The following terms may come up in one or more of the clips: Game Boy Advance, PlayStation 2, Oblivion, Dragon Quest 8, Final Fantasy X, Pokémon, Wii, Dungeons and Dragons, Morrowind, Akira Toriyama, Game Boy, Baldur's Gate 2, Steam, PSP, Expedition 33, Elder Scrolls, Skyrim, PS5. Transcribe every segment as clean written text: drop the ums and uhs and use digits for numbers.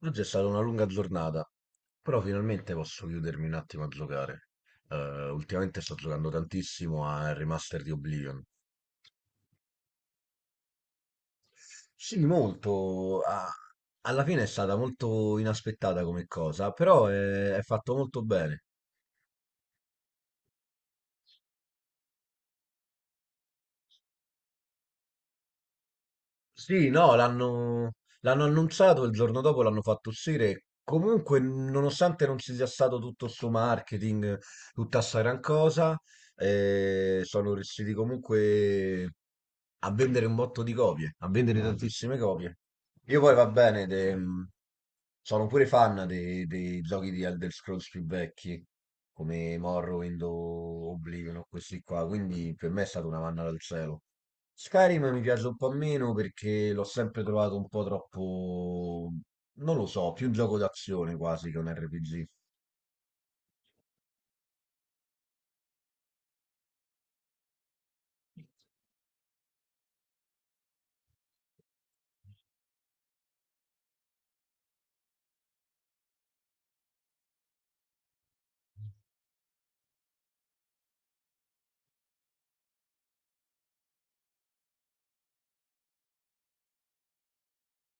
Oggi è stata una lunga giornata, però finalmente posso chiudermi un attimo a giocare. Eh, Ultimamente sto giocando tantissimo al remaster di Oblivion. Sì, molto. Alla fine è stata molto inaspettata come cosa, però è fatto molto bene. Sì, no, l'hanno annunciato, il giorno dopo l'hanno fatto uscire. Comunque, nonostante non ci sia stato tutto sto marketing, tutta sta gran cosa, sono riusciti comunque a vendere un botto di copie, a vendere tantissime copie. Io poi va bene, sono pure fan dei giochi di Elder Scrolls più vecchi, come Morrowind o Oblivion o questi qua, quindi per me è stata una manna dal cielo. Skyrim mi piace un po' meno perché l'ho sempre trovato un po' troppo, non lo so, più un gioco d'azione quasi che un RPG.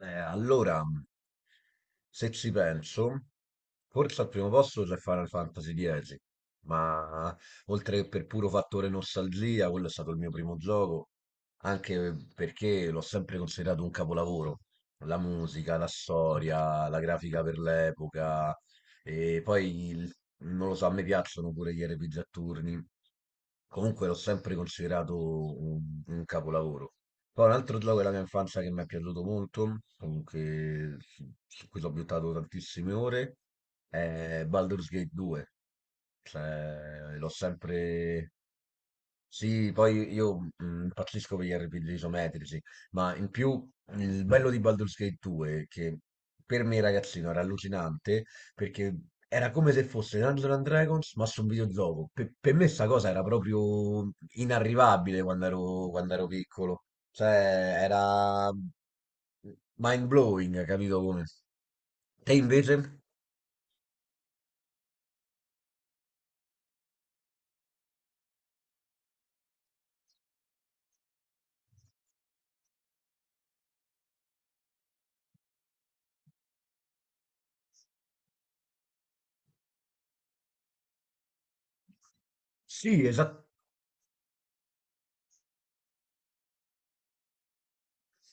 Allora, se ci penso, forse al primo posto c'è Final Fantasy X, ma oltre che per puro fattore nostalgia, quello è stato il mio primo gioco, anche perché l'ho sempre considerato un capolavoro. La musica, la storia, la grafica per l'epoca, e poi, non lo so, a me piacciono pure gli RPG a turni. Comunque l'ho sempre considerato un capolavoro. Poi un altro gioco della mia infanzia che mi è piaciuto molto, comunque su cui ci ho buttato tantissime ore, è Baldur's Gate 2. Cioè, l'ho sempre... Sì, poi io impazzisco per gli RPG isometrici, ma in più il bello di Baldur's Gate 2, che per me ragazzino era allucinante, perché era come se fosse Dungeons and Dragons, ma su un videogioco. Per me sta cosa era proprio inarrivabile quando ero piccolo. Cioè, era mind blowing, capito come? Te invece? Sì, esatto.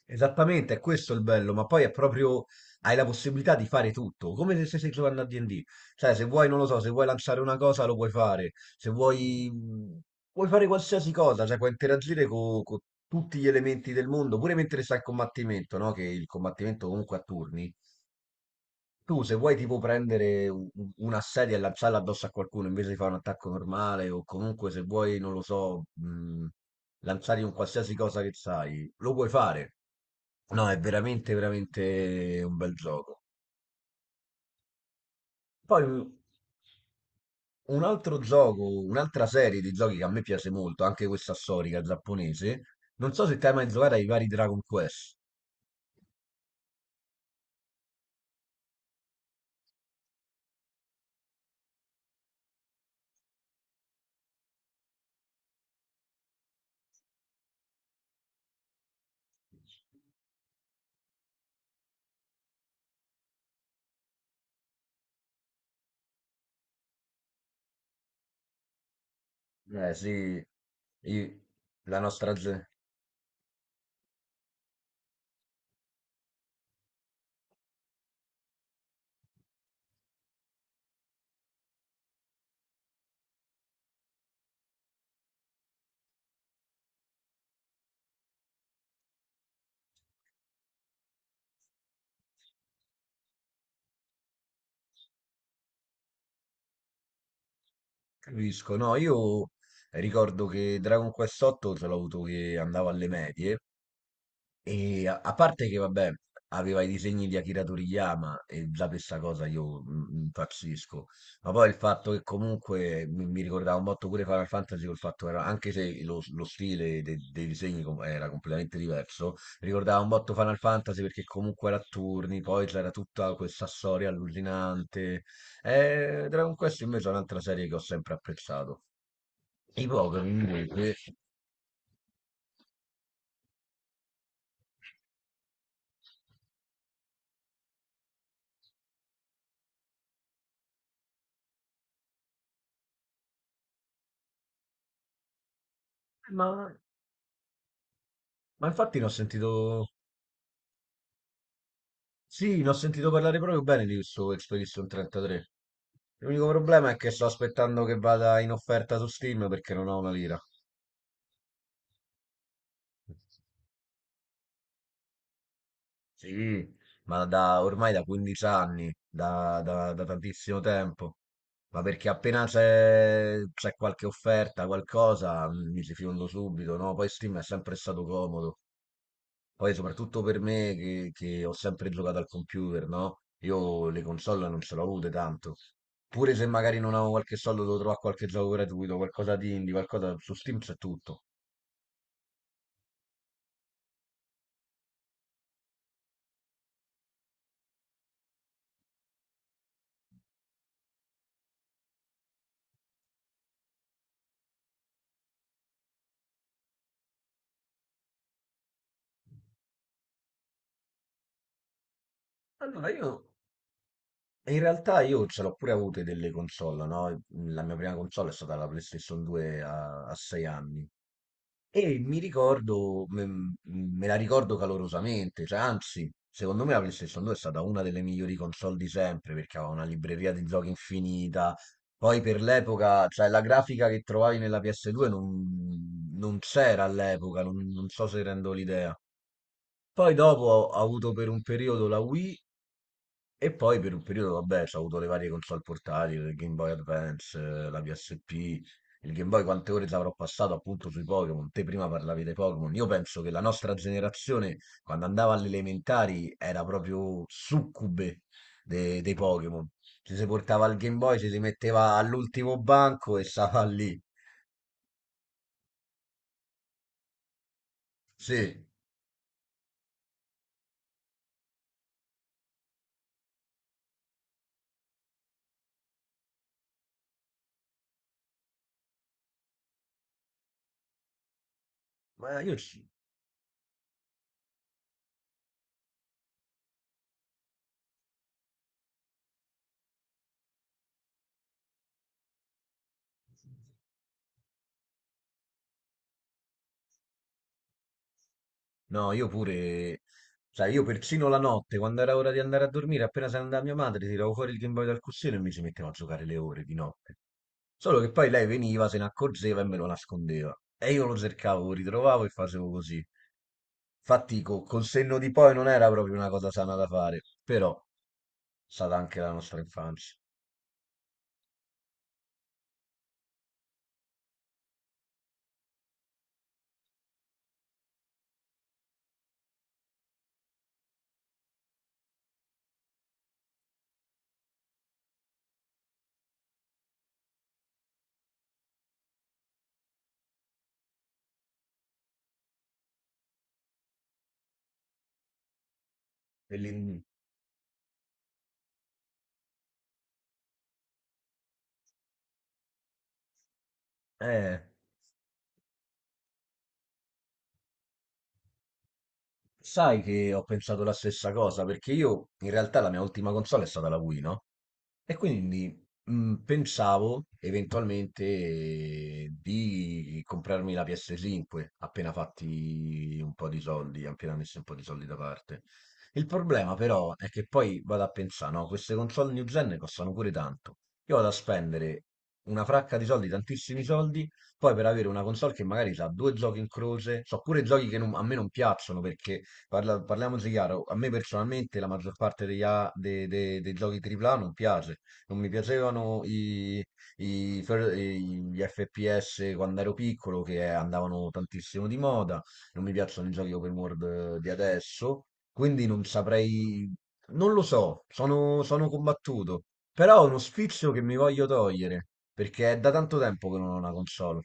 Esattamente, è questo il bello, ma poi è proprio, hai la possibilità di fare tutto, come se stessi giocando a D&D, cioè se vuoi, non lo so, se vuoi lanciare una cosa lo puoi fare, se vuoi, puoi fare qualsiasi cosa, cioè puoi interagire con tutti gli elementi del mondo, pure mentre stai in combattimento, no? Che il combattimento comunque a turni, tu se vuoi tipo prendere una sedia e lanciarla addosso a qualcuno invece di fare un attacco normale o comunque se vuoi, non lo so, lanciare un qualsiasi cosa che sai, lo puoi fare. No, è veramente, veramente un bel gioco. Poi un altro gioco, un'altra serie di giochi che a me piace molto, anche questa storica giapponese, non so se te hai mai giocato ai vari Dragon Quest. Eh sì, i- la nostra... ge- capisco, no, io ricordo che Dragon Quest 8 ce l'ho avuto che andavo alle medie e a parte che vabbè aveva i disegni di Akira Toriyama e già questa cosa io impazzisco, ma poi il fatto che comunque mi ricordava un botto pure Final Fantasy col fatto che era, anche se lo stile dei disegni era completamente diverso, ricordava un botto Final Fantasy perché comunque era a turni, poi c'era tutta questa storia allucinante. Dragon Quest invece è un'altra serie che ho sempre apprezzato. I poveri invece, ma, ma infatti ne ho sentito, sì, ne ho sentito parlare proprio bene di questo Expedition 33. L'unico problema è che sto aspettando che vada in offerta su Steam perché non ho una lira. Sì, ma da, ormai da 15 anni, da tantissimo tempo. Ma perché appena c'è qualche offerta, qualcosa, mi ci fiondo subito, no? Poi Steam è sempre stato comodo. Poi soprattutto per me che ho sempre giocato al computer, no? Io le console non ce l'ho avute tanto. Pure se magari non avevo qualche soldo, devo trovare qualche gioco gratuito, qualcosa di indie, qualcosa su Steam c'è tutto. Allora io, in realtà io ce l'ho pure avute delle console, no? La mia prima console è stata la PlayStation 2 a 6 anni. E mi ricordo, me la ricordo calorosamente, cioè, anzi, secondo me la PlayStation 2 è stata una delle migliori console di sempre perché aveva una libreria di giochi infinita. Poi per l'epoca, cioè la grafica che trovavi nella PS2 non c'era all'epoca, non so se rendo l'idea. Poi dopo ho avuto per un periodo la Wii e poi per un periodo, vabbè, ho avuto le varie console portatili, il Game Boy Advance, la PSP, il Game Boy, quante ore ci avrò passato appunto sui Pokémon. Te prima parlavi dei Pokémon. Io penso che la nostra generazione, quando andava alle elementari, era proprio succube dei Pokémon. Ci si portava il Game Boy, ci si metteva all'ultimo banco e stava lì. Sì, ma io ci- no, io pure, sai, io persino la notte, quando era ora di andare a dormire, appena se ne andava mia madre, tiravo fuori il Game Boy dal cuscino e mi ci mettevo a giocare le ore di notte. Solo che poi lei veniva, se ne accorgeva e me lo nascondeva. E io lo cercavo, lo ritrovavo e facevo così. Infatti, col senno di poi non era proprio una cosa sana da fare, però è stata anche la nostra infanzia. E lì- mm, eh, Sai che ho pensato la stessa cosa, perché io in realtà la mia ultima console è stata la Wii, no? E quindi, pensavo eventualmente di comprarmi la PS5 appena fatti un po' di soldi, appena messi un po' di soldi da parte. Il problema però è che poi vado a pensà, no, queste console new gen costano pure tanto. Io vado a spendere una fracca di soldi, tantissimi soldi, poi per avere una console che magari ha due giochi in croce, so pure giochi che a me non piacciono perché parliamoci chiaro, a me personalmente la maggior parte degli dei giochi AAA non piace. Non mi piacevano i fer- i- gli FPS quando ero piccolo che andavano tantissimo di moda, non mi piacciono i giochi open world di adesso, quindi non saprei, non lo so, sono combattuto, però è uno sfizio che mi voglio togliere, perché è da tanto tempo che non ho una console,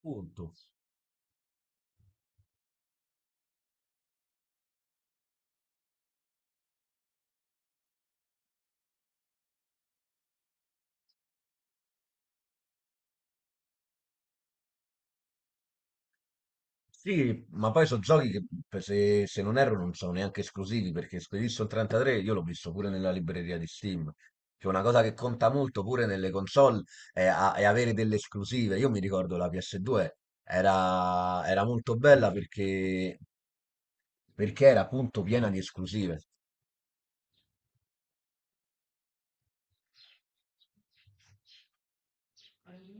punto. Sì, ma poi sono giochi che se non erro non sono neanche esclusivi perché Expedition 33 io l'ho visto pure nella libreria di Steam. Cioè una cosa che conta molto pure nelle console è, è avere delle esclusive. Io mi ricordo la PS2 era molto bella perché, era appunto piena di esclusive.